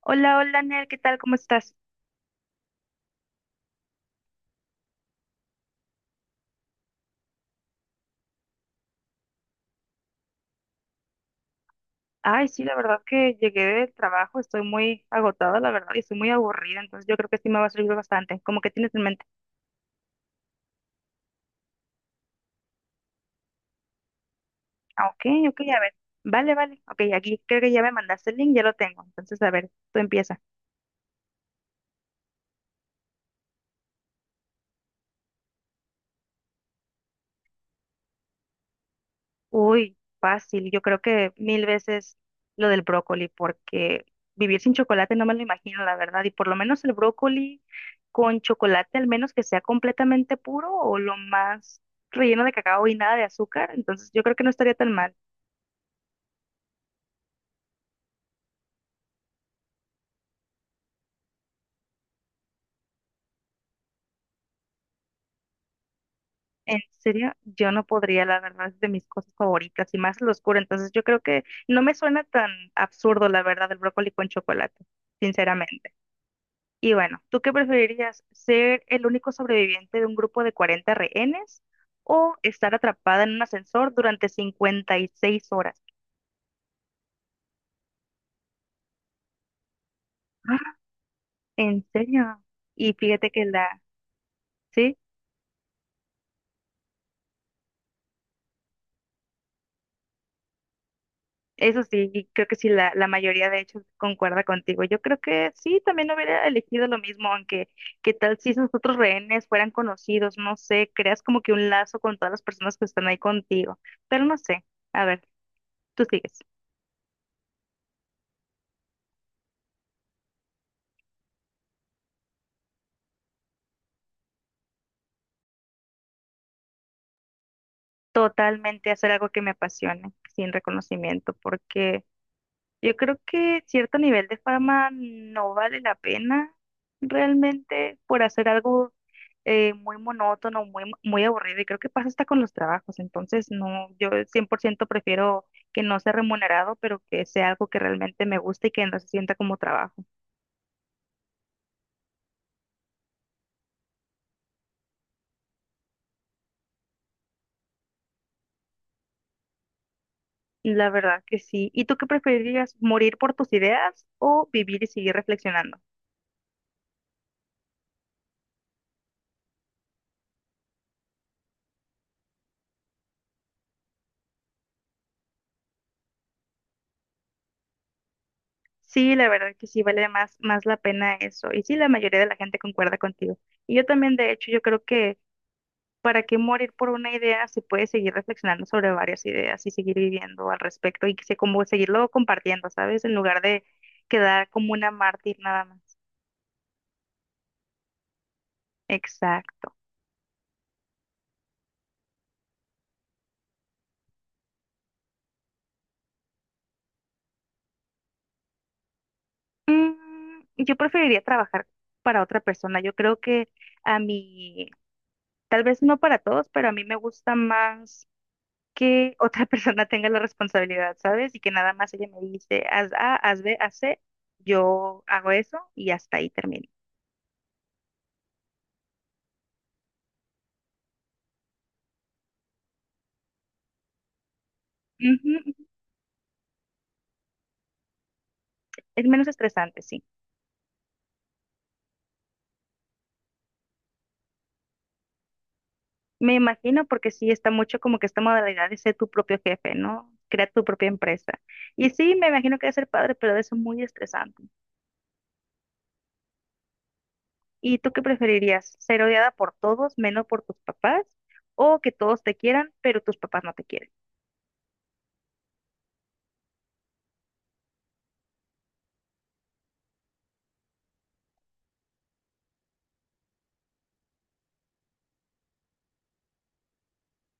Hola, hola, Ner, ¿qué tal? ¿Cómo estás? Ay, sí, la verdad que llegué del trabajo, estoy muy agotada, la verdad, y estoy muy aburrida, entonces yo creo que sí me va a servir bastante. ¿Como que tienes en mente? Ah, ok, ok, a ver. Vale, vale. Ok, aquí creo que ya me mandaste el link, ya lo tengo. Entonces, a ver, tú empieza. Uy, fácil. Yo creo que mil veces lo del brócoli, porque vivir sin chocolate no me lo imagino, la verdad. Y por lo menos el brócoli con chocolate, al menos que sea completamente puro o lo más relleno de cacao y nada de azúcar. Entonces yo creo que no estaría tan mal. En serio, yo no podría, la verdad, es de mis cosas favoritas y más lo oscuro. Entonces yo creo que no me suena tan absurdo, la verdad, el brócoli con chocolate, sinceramente. Y bueno, ¿tú qué preferirías? ¿Ser el único sobreviviente de un grupo de 40 rehenes o estar atrapada en un ascensor durante 56 horas? Ah, ¿en serio? Y fíjate que sí, eso sí, y creo que sí, la mayoría de hecho concuerda contigo. Yo creo que sí, también hubiera elegido lo mismo, aunque qué tal si esos otros rehenes fueran conocidos, no sé, creas como que un lazo con todas las personas que están ahí contigo, pero no sé, a ver, tú sigues. Totalmente hacer algo que me apasione, sin reconocimiento, porque yo creo que cierto nivel de fama no vale la pena realmente por hacer algo muy monótono, muy aburrido, y creo que pasa hasta con los trabajos, entonces no, yo 100% prefiero que no sea remunerado, pero que sea algo que realmente me guste y que no se sienta como trabajo. La verdad que sí. ¿Y tú qué preferirías, morir por tus ideas o vivir y seguir reflexionando? Sí, la verdad que sí vale más, más la pena eso. Y sí, la mayoría de la gente concuerda contigo. Y yo también, de hecho, yo creo que para qué morir por una idea se puede seguir reflexionando sobre varias ideas y seguir viviendo al respecto y que se, como seguirlo compartiendo, ¿sabes? En lugar de quedar como una mártir nada más. Exacto. Yo preferiría trabajar para otra persona. Yo creo que a mí, tal vez no para todos, pero a mí me gusta más que otra persona tenga la responsabilidad, ¿sabes? Y que nada más ella me dice, haz A, haz B, haz C, yo hago eso y hasta ahí termino. Ujú, ujú. Es menos estresante, sí. Me imagino porque sí está mucho como que esta modalidad de ser tu propio jefe, ¿no? Crear tu propia empresa. Y sí, me imagino que debe ser padre, pero debe ser muy estresante. ¿Y tú qué preferirías? ¿Ser odiada por todos, menos por tus papás? ¿O que todos te quieran, pero tus papás no te quieran?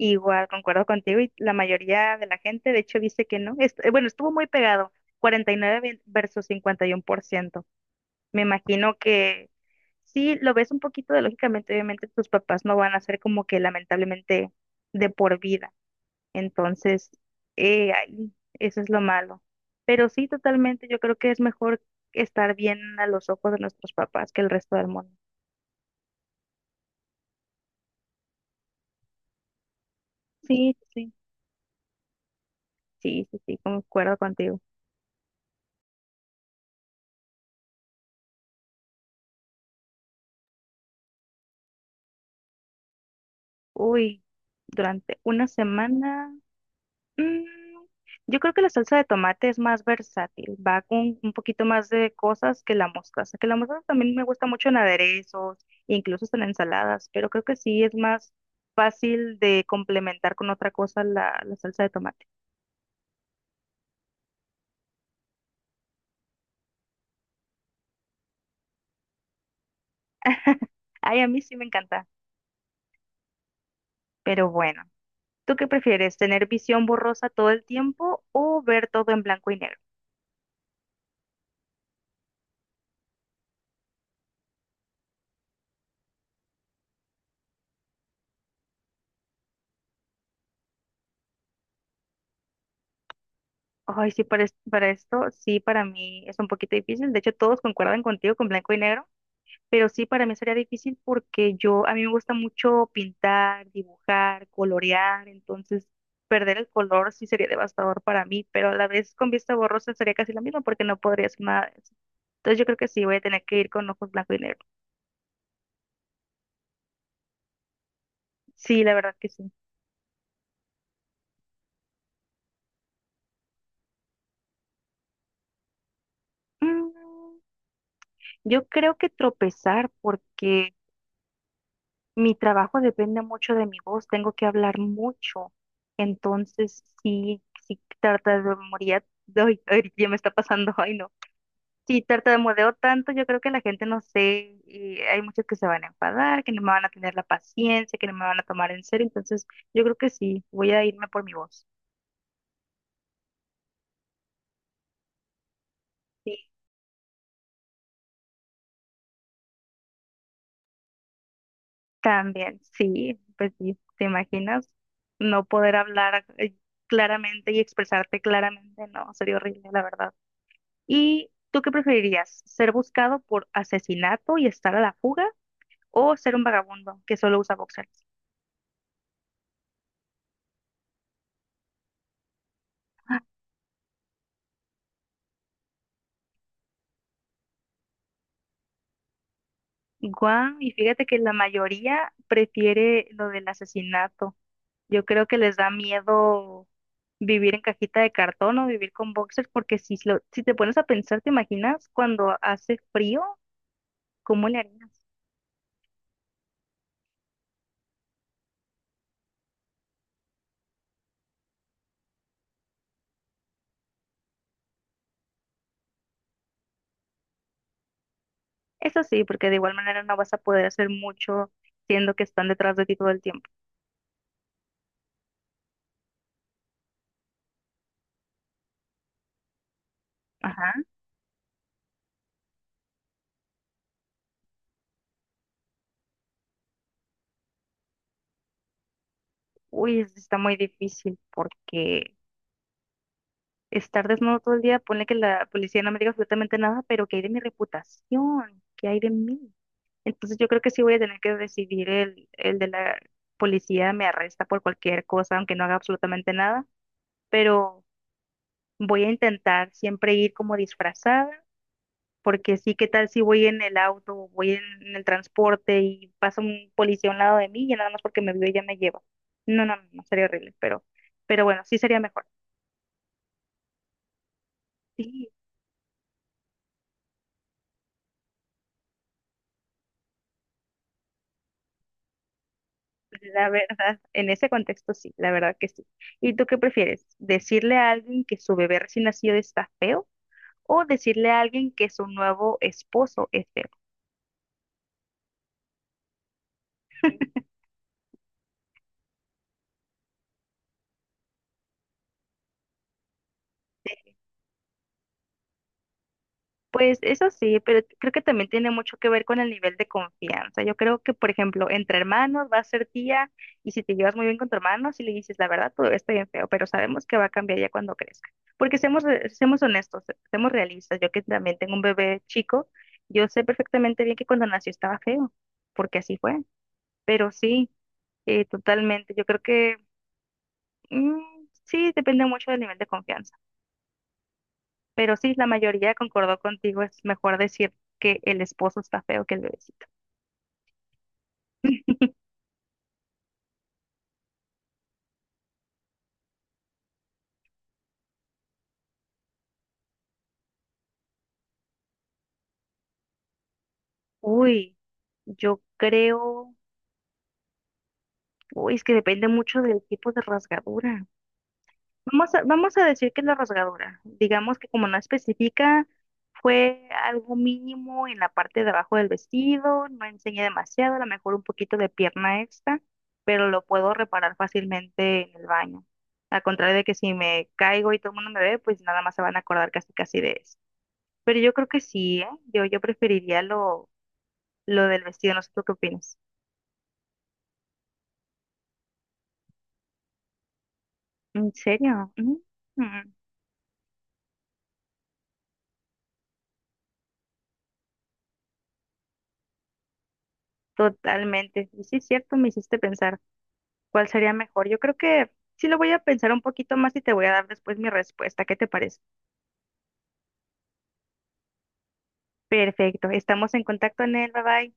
Igual, concuerdo contigo y la mayoría de la gente, de hecho, dice que no. Estuvo muy pegado, 49 versus 51%. Me imagino que sí, lo ves un poquito de lógicamente, obviamente tus papás no van a ser como que lamentablemente de por vida. Entonces, ay, eso es lo malo. Pero sí, totalmente, yo creo que es mejor estar bien a los ojos de nuestros papás que el resto del mundo. Sí, sí, sí, sí, sí, concuerdo contigo. Uy, durante una semana. Mm, Yo creo que la salsa de tomate es más versátil, va con un poquito más de cosas que la mostaza también me gusta mucho en aderezos, incluso hasta en ensaladas, pero creo que sí es más fácil de complementar con otra cosa la salsa de tomate. Ay, a mí sí me encanta, pero bueno, ¿tú qué prefieres? ¿Tener visión borrosa todo el tiempo o ver todo en blanco y negro? Ay, sí, para esto, sí, para mí es un poquito difícil. De hecho, todos concuerdan contigo con blanco y negro. Pero sí, para mí sería difícil porque a mí me gusta mucho pintar, dibujar, colorear, entonces perder el color sí sería devastador para mí, pero a la vez con vista borrosa sería casi lo mismo porque no podría hacer nada de eso. Entonces yo creo que sí, voy a tener que ir con ojos blanco y negro. Sí, la verdad que sí. Mm, yo creo que tropezar porque mi trabajo depende mucho de mi voz, tengo que hablar mucho, entonces sí, trataría, ay, ay, ya me está pasando, ay no. Si tartamudeo tanto, yo creo que la gente no sé, y hay muchos que se van a enfadar, que no me van a tener la paciencia, que no me van a tomar en serio, entonces yo creo que sí, voy a irme por mi voz. Sí. También, sí, pues sí, ¿te imaginas no poder hablar claramente y expresarte claramente? No, sería horrible, la verdad. ¿Y tú qué preferirías? ¿Ser buscado por asesinato y estar a la fuga o ser un vagabundo que solo usa boxers? Guau, y fíjate que la mayoría prefiere lo del asesinato. Yo creo que les da miedo vivir en cajita de cartón o vivir con boxers, porque si, si te pones a pensar, ¿te imaginas cuando hace frío? ¿Cómo le harías? Eso sí, porque de igual manera no vas a poder hacer mucho siendo que están detrás de ti todo el tiempo. Ajá. Uy, eso está muy difícil porque estar desnudo todo el día, ponle que la policía no me diga absolutamente nada, pero ¿qué hay de mi reputación? ¿Qué hay de mí? Entonces yo creo que sí voy a tener que recibir el de la policía, me arresta por cualquier cosa, aunque no haga absolutamente nada, pero voy a intentar siempre ir como disfrazada, porque sí, ¿qué tal si voy en el auto o voy en el transporte y pasa un policía a un lado de mí y nada más porque me vio ya me lleva? No, no, no, no, sería horrible, pero bueno, sí sería mejor. Sí, la verdad, en ese contexto sí, la verdad que sí. ¿Y tú qué prefieres? ¿Decirle a alguien que su bebé recién nacido está feo, o decirle a alguien que su nuevo esposo es feo? Pues eso sí, pero creo que también tiene mucho que ver con el nivel de confianza. Yo creo que, por ejemplo, entre hermanos va a ser tía y si te llevas muy bien con tu hermano, si le dices la verdad, todo está bien feo, pero sabemos que va a cambiar ya cuando crezca. Porque seamos honestos, seamos realistas. Yo que también tengo un bebé chico, yo sé perfectamente bien que cuando nació estaba feo, porque así fue. Pero sí, totalmente. Yo creo que mm, sí, depende mucho del nivel de confianza. Pero sí, la mayoría concordó contigo, es mejor decir que el esposo está feo que el bebecito. Uy, yo creo, uy, es que depende mucho del tipo de rasgadura. Vamos a decir que es la rasgadura. Digamos que como no especifica, fue algo mínimo en la parte de abajo del vestido, no enseñé demasiado, a lo mejor un poquito de pierna extra, pero lo puedo reparar fácilmente en el baño. Al contrario de que si me caigo y todo el mundo me ve, pues nada más se van a acordar casi casi de eso. Pero yo creo que sí, ¿eh? Yo preferiría lo del vestido, no sé tú qué opinas. ¿En serio? Mm, totalmente. Y sí, es cierto, me hiciste pensar cuál sería mejor. Yo creo que sí lo voy a pensar un poquito más y te voy a dar después mi respuesta. ¿Qué te parece? Perfecto, estamos en contacto, Nel, bye bye.